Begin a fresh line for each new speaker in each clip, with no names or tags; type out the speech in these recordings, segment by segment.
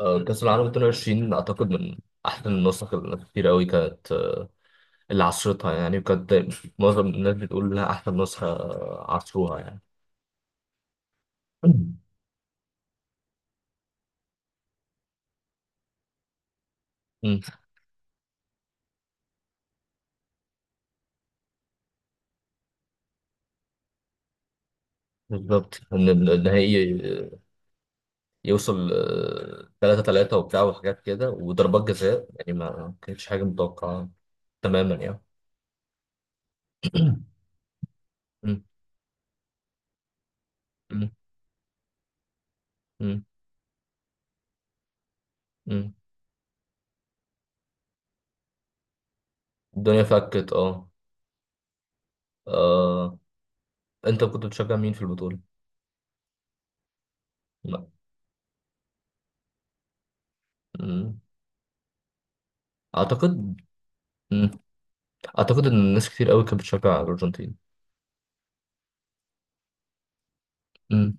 كأس العالم 22 أعتقد من أحسن النسخ اللي كتير أوي كانت، اللي عصرتها يعني، وكانت معظم الناس بتقول إنها أحسن نسخة، عصروها يعني. أمم، بالظبط إن النهائي آه، يوصل 3-3 وبتاع وحاجات كده وضربات جزاء، يعني ما كانتش حاجة متوقعة تماما يعني. أمم، أمم، أمم، أمم. الدنيا فكت. أه. آه، أنت كنت بتشجع مين في البطولة؟ لا. أمم، أعتقد ان الناس كتير قوي كانت بتشجع الارجنتين. امم.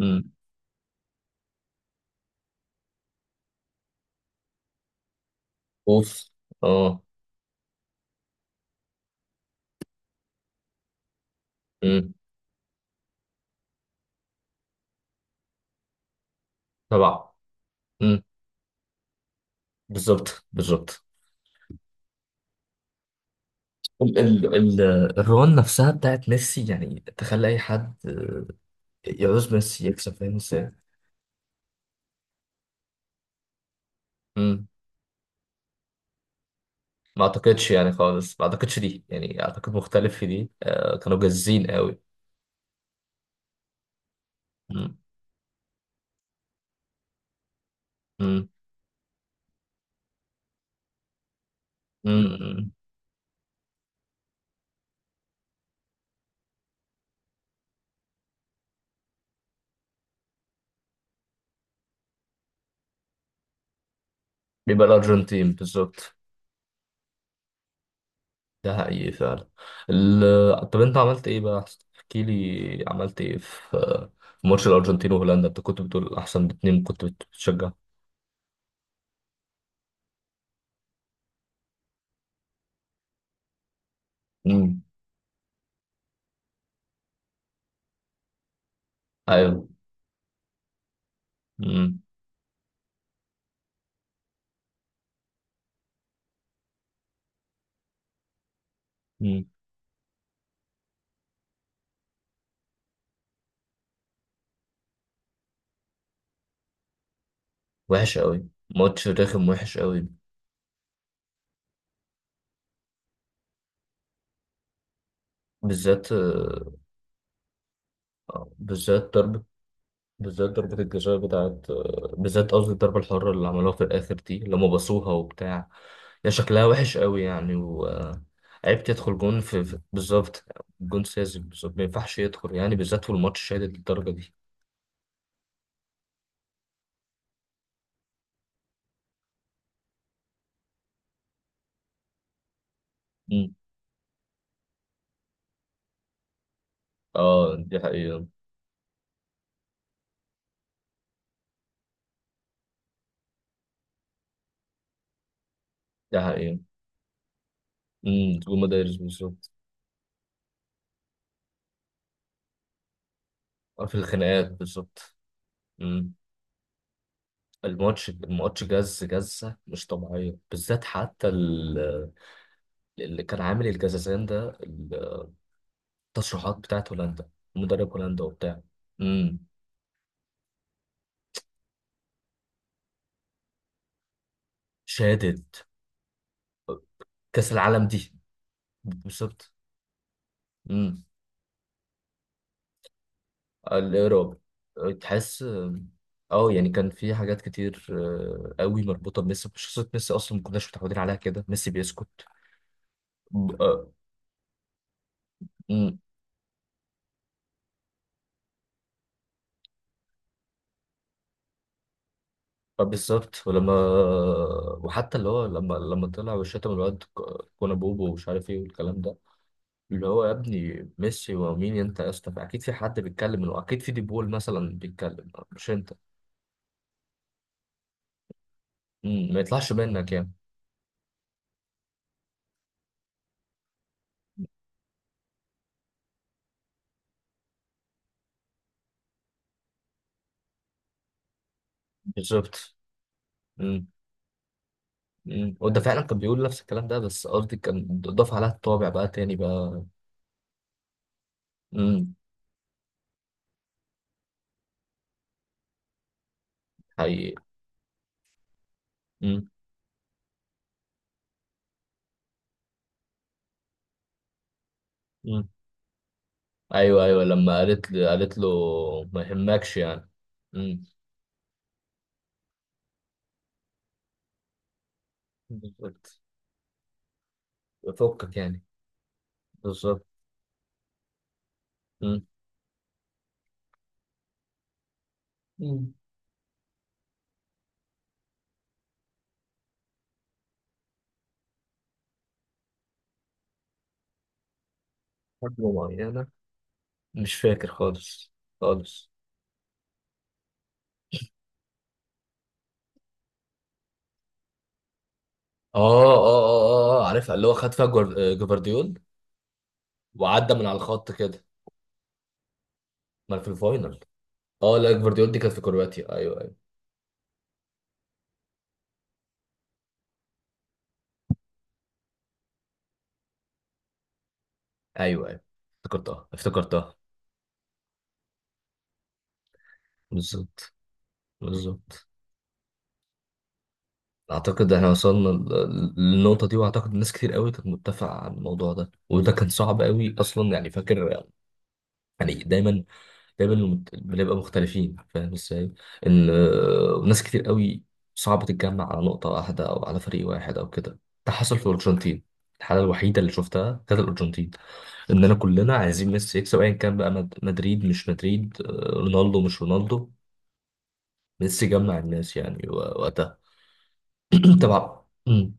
امم. اوف. اه. امم. طبعا. امم. بالظبط، بالظبط. ال ال ال الرون نفسها بتاعت ميسي، يعني تخلي اي حد، يعوز ميسي يكسب، فاهم ازاي. امم. ما اعتقدش يعني خالص، ما اعتقدش دي، يعني اعتقد مختلف في دي، كانوا جازين قوي. امم. امم. امم. أمم. بيبقى الارجنتين بالظبط. ده حقيقي فعلا. طب انت عملت ايه بقى؟ احسن احكي لي، عملت ايه في في ماتش الارجنتين وهولندا؟ انت كنت بتقول احسن اتنين كنت بتشجع. امم. ايوه. امم. امم. وحش قوي. ماتش رخم وحش قوي. بالذات، بالذات ضربة، بالذات ضربة الجزاء بتاعت، بالذات قصدي الضربة الحرة اللي عملوها في الآخر دي لما باصوها وبتاع. يا شكلها وحش قوي يعني، وعيب تدخل جون في بالظبط. جون ساذج بالظبط، ما ينفعش يدخل يعني، بالذات في الماتش شادد للدرجة دي. مم. اه دي حقيقة. دي حقيقة. امم. جون مدارس بالظبط. في الخناقات بالظبط. مم. الماتش الماتش جز جزة مش طبيعية، بالذات حتى اللي كان عامل الجزازان ده، التشريحات بتاعت هولندا، مدرب هولندا وبتاع. امم. شهادة كأس العالم دي بالظبط. امم. الإيراد. تحس. اه، يعني كان في حاجات كتير، قوي مربوطة بميسي، شخصية ميسي أصلا ما كناش متعودين عليها كده، ميسي بيسكت. ب- آه، امم. بالظبط، ولما، وحتى اللي هو لما طلع وشتم الواد كونا بوبو ومش عارف ايه والكلام ده. اللي هو يا ابني ميسي ومين انت يا اسطى؟ اكيد في حد بيتكلم، اكيد في ديبول مثلا بيتكلم مش انت. مم. ما يطلعش منك يعني. بالظبط. مم. مم. وده فعلا كان بيقول نفس الكلام ده، بس قصدي كان ضاف عليها الطابع بقى تاني بقى. مم. حقيقي. مم. مم. ايوه ايوه لما قالت لي، قالت له ما يهمكش يعني. مم. بالظبط. فكك يعني. بالظبط. مم. مم. حاجة معينة. مش فاكر خالص. خالص. اه اه اه اه عارفها، اللي هو خد فيها جفارديول، وعدى من على الخط كده. ما في الفاينل. اه لا، جفارديول دي كانت في كرواتيا. ايوه أيوه. ايوه ايوه افتكرتها افتكرتها. بالظبط. بالظبط. اعتقد احنا وصلنا للنقطه دي، واعتقد ناس كتير قوي كانت متفقه على الموضوع ده، وده كان صعب قوي اصلا يعني فاكر. يعني دايما، دايما بنبقى مختلفين، فاهم ازاي. ان ناس كتير قوي صعب تتجمع على نقطه واحده، او على فريق واحد او كده. ده حصل في الارجنتين. الحاله الوحيده اللي شفتها كانت الارجنتين. اننا كلنا عايزين ميسي يكسب، ايا كان بقى مدريد مش مدريد، رونالدو مش رونالدو. ميسي جمع الناس يعني و- وقتها. طبعا. مم.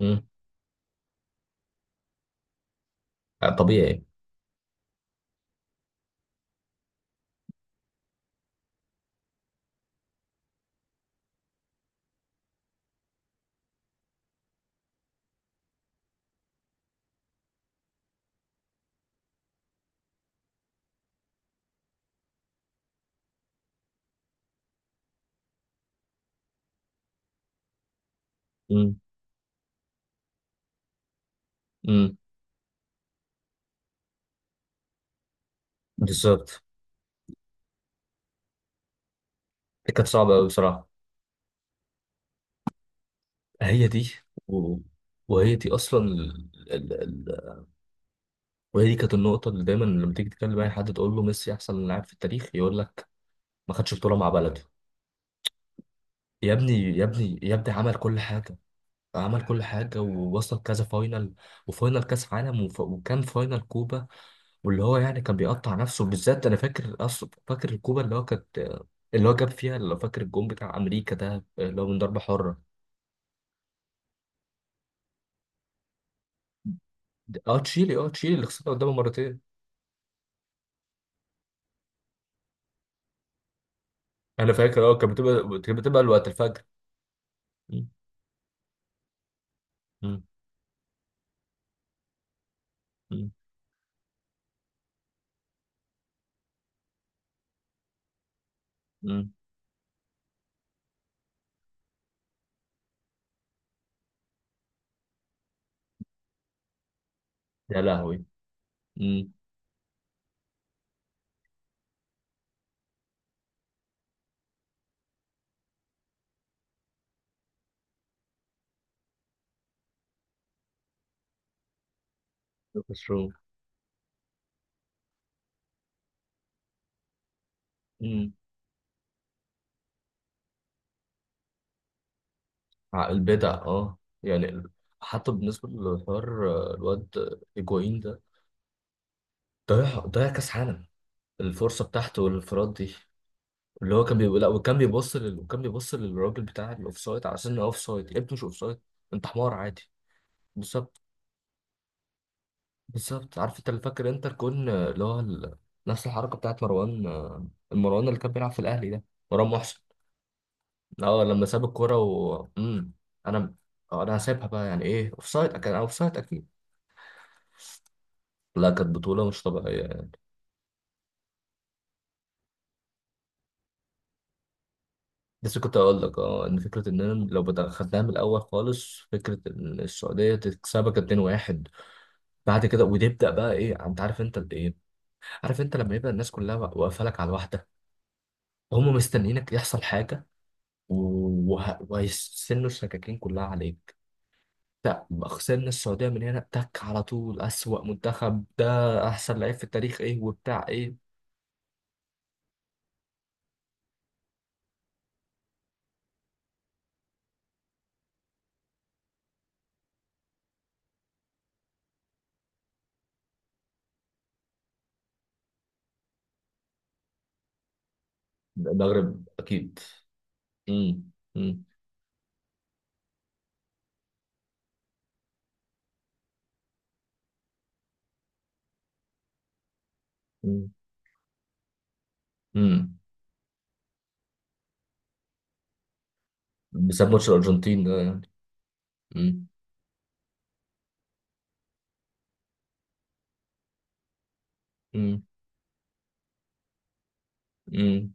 مم. طبيعي. مم. مم. بالظبط. دي كانت صعبة أوي بصراحة. هي دي. و... وهي دي أصلا وهي دي كانت النقطة اللي دايما لما تيجي تكلم أي حد، تقول له ميسي أحسن لاعب في التاريخ، يقول لك ما خدش بطولة مع بلده. يا ابني يا ابني يا ابني عمل كل حاجة. عمل كل حاجة ووصل كذا فاينل، وفاينل كأس عالم، وكان فاينل كوبا. واللي هو يعني كان بيقطع نفسه، بالذات انا فاكر اصلا فاكر الكوره اللي هو كانت، اللي هو جاب فيها لو فاكر الجون بتاع امريكا ده، اللي هو من ضربه حره. ده اه تشيلي، اه تشيلي اللي خسرنا قدامه مرتين. انا فاكر اه كانت بتبقى، كانت بتبقى الوقت الفجر. مم. مم. مم. مم. يا لهوي. مم. لوكاس رو. مم. عقل بدع اه يعني حتى بالنسبه للحوار، الواد ايجوين ده ضيع ضيع كاس عالم، الفرصه بتاعته والانفراد دي. اللي هو كان بيقول لا وكان بيبص وكان بيبص للراجل بتاع الاوف سايد. على سن اوف سايد يا ابني، مش اوف سايد. انت حمار عادي. بالظبط. بالظبط عارف انت اللي فاكر انت الكون، اللي هو نفس الحركه بتاعت مروان، المروان اللي كان بيلعب في الاهلي ده. مروان محسن. اه لما ساب الكوره و انا انا هسيبها بقى، يعني ايه اوف سايد، كان اوف سايد اكيد. لا كانت بطوله مش طبيعيه يعني. بس كنت اقول لك اه ان فكره اننا لو خدناها من الاول خالص، فكره ان السعوديه تكسبك 2-1 بعد كده، وتبدا بقى ايه انت عارف انت قد ايه. عارف انت لما يبقى الناس كلها واقفه لك على الواحده، هم مستنيينك يحصل حاجه، وهيسنوا السكاكين كلها عليك. لا خسرنا السعوديه من هنا تك على طول اسوأ منتخب ده. احسن لعيب في التاريخ ايه وبتاع ايه. المغرب اكيد. امم. امم. امم. امم. بسبب ماتش الارجنتين ده يعني. امم. امم. امم.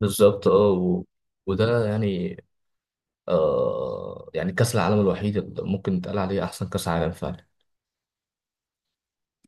بالظبط. اه وده يعني. آه يعني كأس العالم الوحيد اللي ممكن يتقال عليه أحسن كأس عالم فعلا.